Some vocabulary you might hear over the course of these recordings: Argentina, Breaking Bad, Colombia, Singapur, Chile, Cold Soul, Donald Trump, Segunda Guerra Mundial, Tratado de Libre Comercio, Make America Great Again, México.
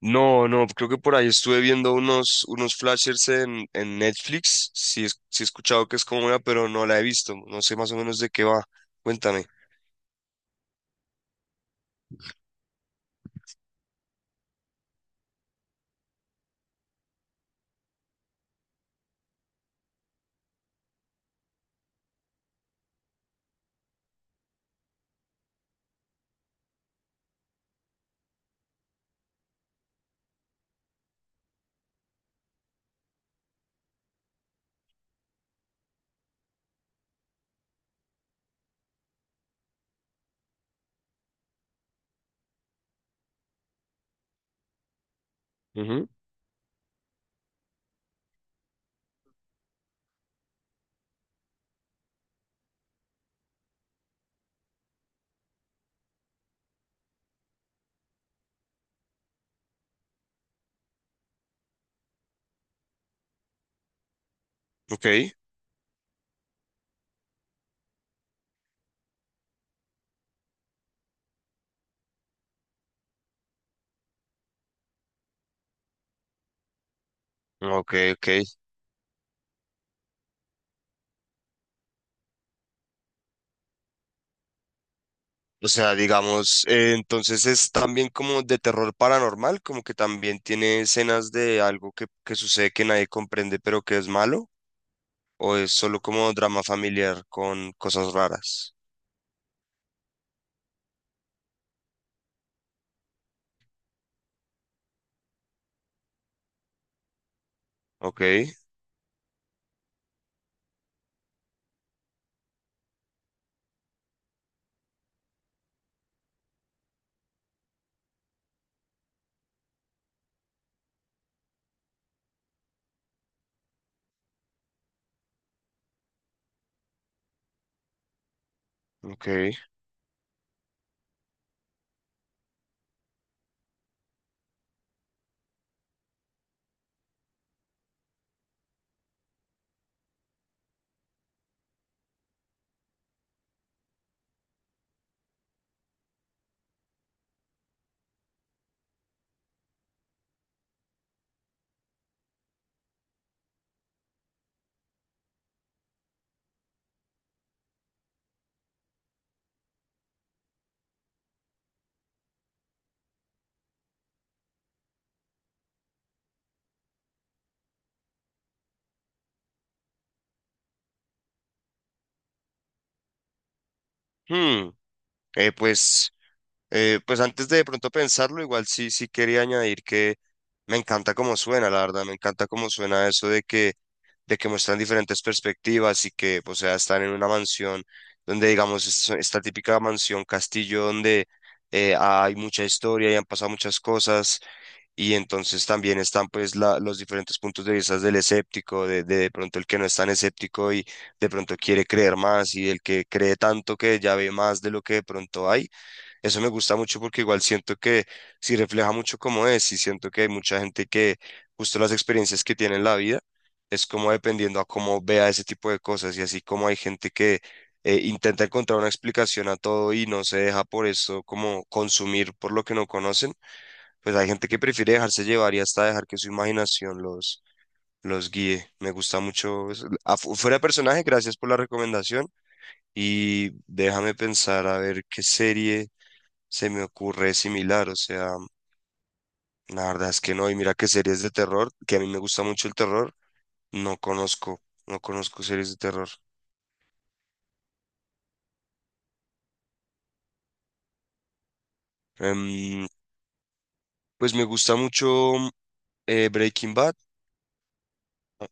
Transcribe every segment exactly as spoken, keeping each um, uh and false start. No, no, creo que por ahí estuve viendo unos, unos flashers en, en Netflix. Sí, es- sí he escuchado que es como una, pero no la he visto. No sé más o menos de qué va. Cuéntame. Ujú. Ok, ok, ok. O sea, digamos, eh, entonces es también como de terror paranormal, como que también tiene escenas de algo que, que sucede que nadie comprende, pero que es malo, o es solo como drama familiar con cosas raras. Ok, ok. Hmm, eh, pues. Eh, pues antes de de pronto pensarlo, igual sí, sí quería añadir que me encanta cómo suena, la verdad, me encanta cómo suena eso de que, de que muestran diferentes perspectivas y que, o sea, están en una mansión donde, digamos, es- esta típica mansión castillo donde eh, hay mucha historia y han pasado muchas cosas y entonces también están pues la- los diferentes puntos de vista del escéptico, de, de de pronto el que no es tan escéptico y de pronto quiere creer más y el que cree tanto que ya ve más de lo que de pronto hay. Eso me gusta mucho porque igual siento que sí refleja mucho cómo es y siento que hay mucha gente que justo las experiencias que tiene en la vida es como dependiendo a cómo vea ese tipo de cosas y así como hay gente que eh, intenta encontrar una explicación a todo y no se deja por eso como consumir por lo que no conocen, pues hay gente que prefiere dejarse llevar y hasta dejar que su imaginación los, los guíe. Me gusta mucho eso. Afu- Fuera de personaje, gracias por la recomendación y déjame pensar a ver qué serie se me ocurre similar, o sea, la verdad es que no, y mira que series de terror, que a mí me gusta mucho el terror, no conozco, no conozco series de terror. Em, pues me gusta mucho eh, Breaking Bad, a-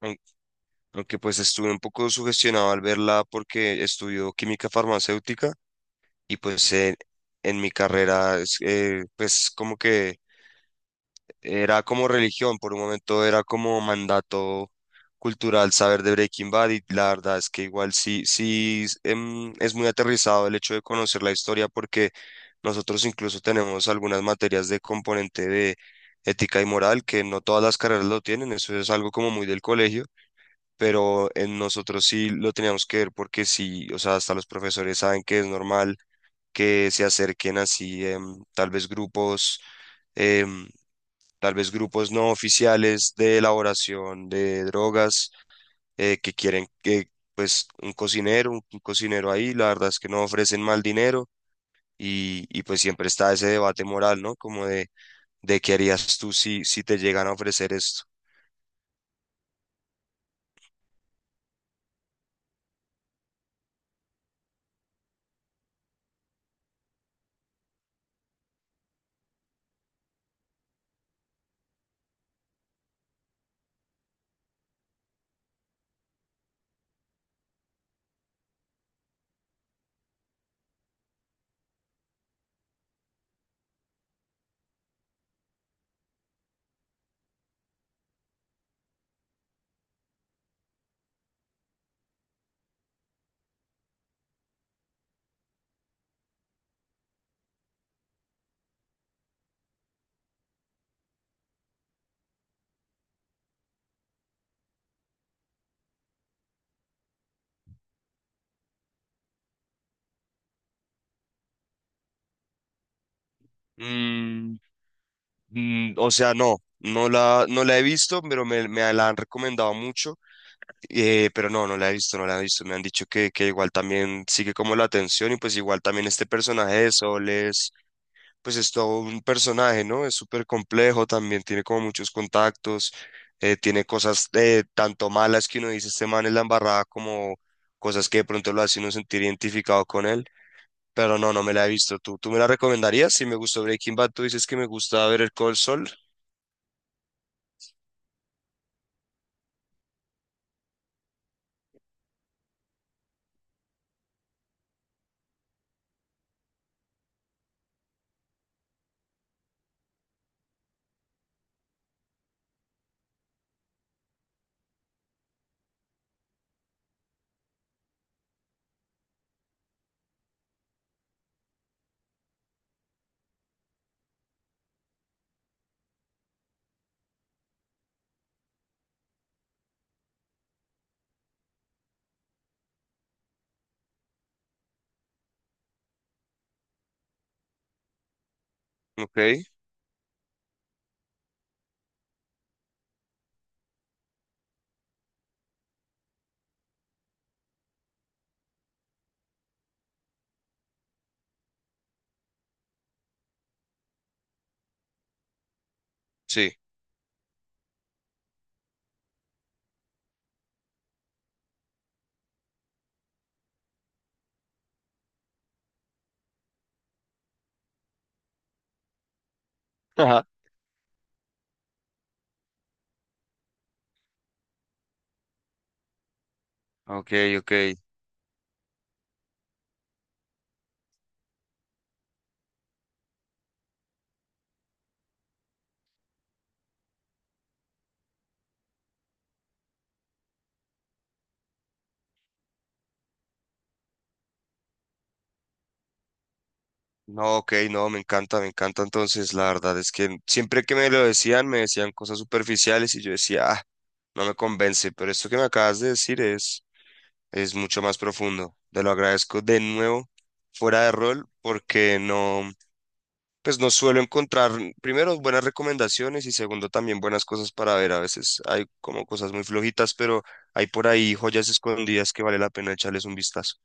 aun- aunque pues estuve un poco sugestionado al verla porque estudió química farmacéutica y pues eh, en mi carrera es, eh, pues como que era como religión, por un momento era como mandato cultural saber de Breaking Bad. Y la verdad es que igual sí, sí em, es muy aterrizado el hecho de conocer la historia porque nosotros incluso tenemos algunas materias de componente de ética y moral que no todas las carreras lo tienen, eso es algo como muy del colegio, pero en nosotros sí lo teníamos que ver porque sí, o sea, hasta los profesores saben que es normal que se acerquen así em, tal vez grupos. em, Tal vez grupos no oficiales de elaboración de drogas eh, que quieren que pues un cocinero, un, un cocinero ahí, la verdad es que no ofrecen mal dinero y, y pues siempre está ese debate moral, ¿no? Como de, de qué harías tú si, si te llegan a ofrecer esto. Mm, mm, o sea, no, no la, no la he visto, pero me, me la han recomendado mucho, eh, pero no, no la he visto, no la he visto. Me han dicho que, que igual también sigue como la atención y pues igual también este personaje de Sol pues es todo un personaje, ¿no? Es súper complejo, también tiene como muchos contactos, eh, tiene cosas eh, tanto malas que uno dice, este man es la embarrada, como cosas que de pronto lo hacen uno sentir identificado con él, pero no, no me la he visto. ¿Tú, tú me la recomendarías? Si me gustó Breaking Bad, tú dices que me gusta ver el Cold Soul, ok, sí. Ajá. Ok, ok. No, ok, no, me encanta, me encanta. Entonces, la verdad es que siempre que me lo decían, me decían cosas superficiales y yo decía, ah, no me convence, pero esto que me acabas de decir es es mucho más profundo. Te lo agradezco de nuevo, fuera de rol, porque no, pues no suelo encontrar, primero, buenas recomendaciones y segundo, también buenas cosas para ver. A veces hay como cosas muy flojitas, pero hay por ahí joyas escondidas que vale la pena echarles un vistazo.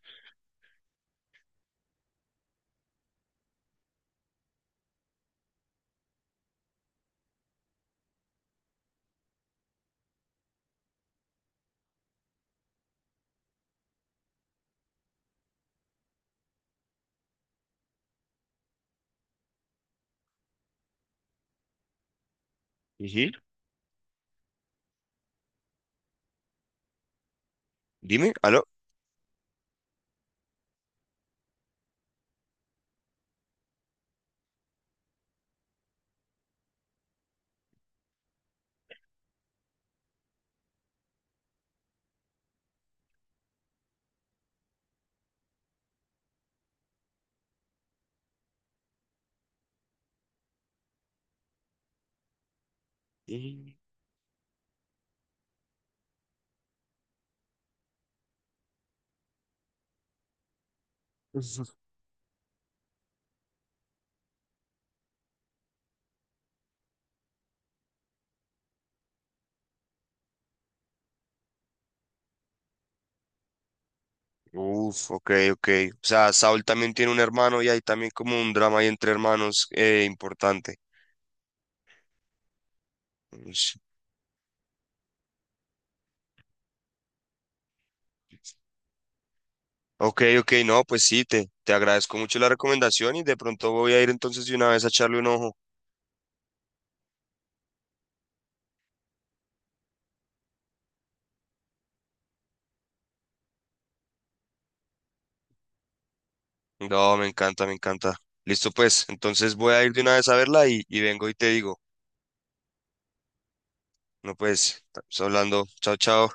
Ujú. Dime, ¿aló? Mm. Uf, ok, ok. O sea, Saul también tiene un hermano y hay también como un drama ahí entre hermanos eh, importante. Ok, ok, no, pues sí, te, te agradezco mucho la recomendación y de pronto voy a ir entonces de una vez a echarle un ojo. No, me encanta, me encanta. Listo, pues, entonces voy a ir de una vez a verla y, y vengo y te digo. No, pues, estamos hablando. Chao, chao.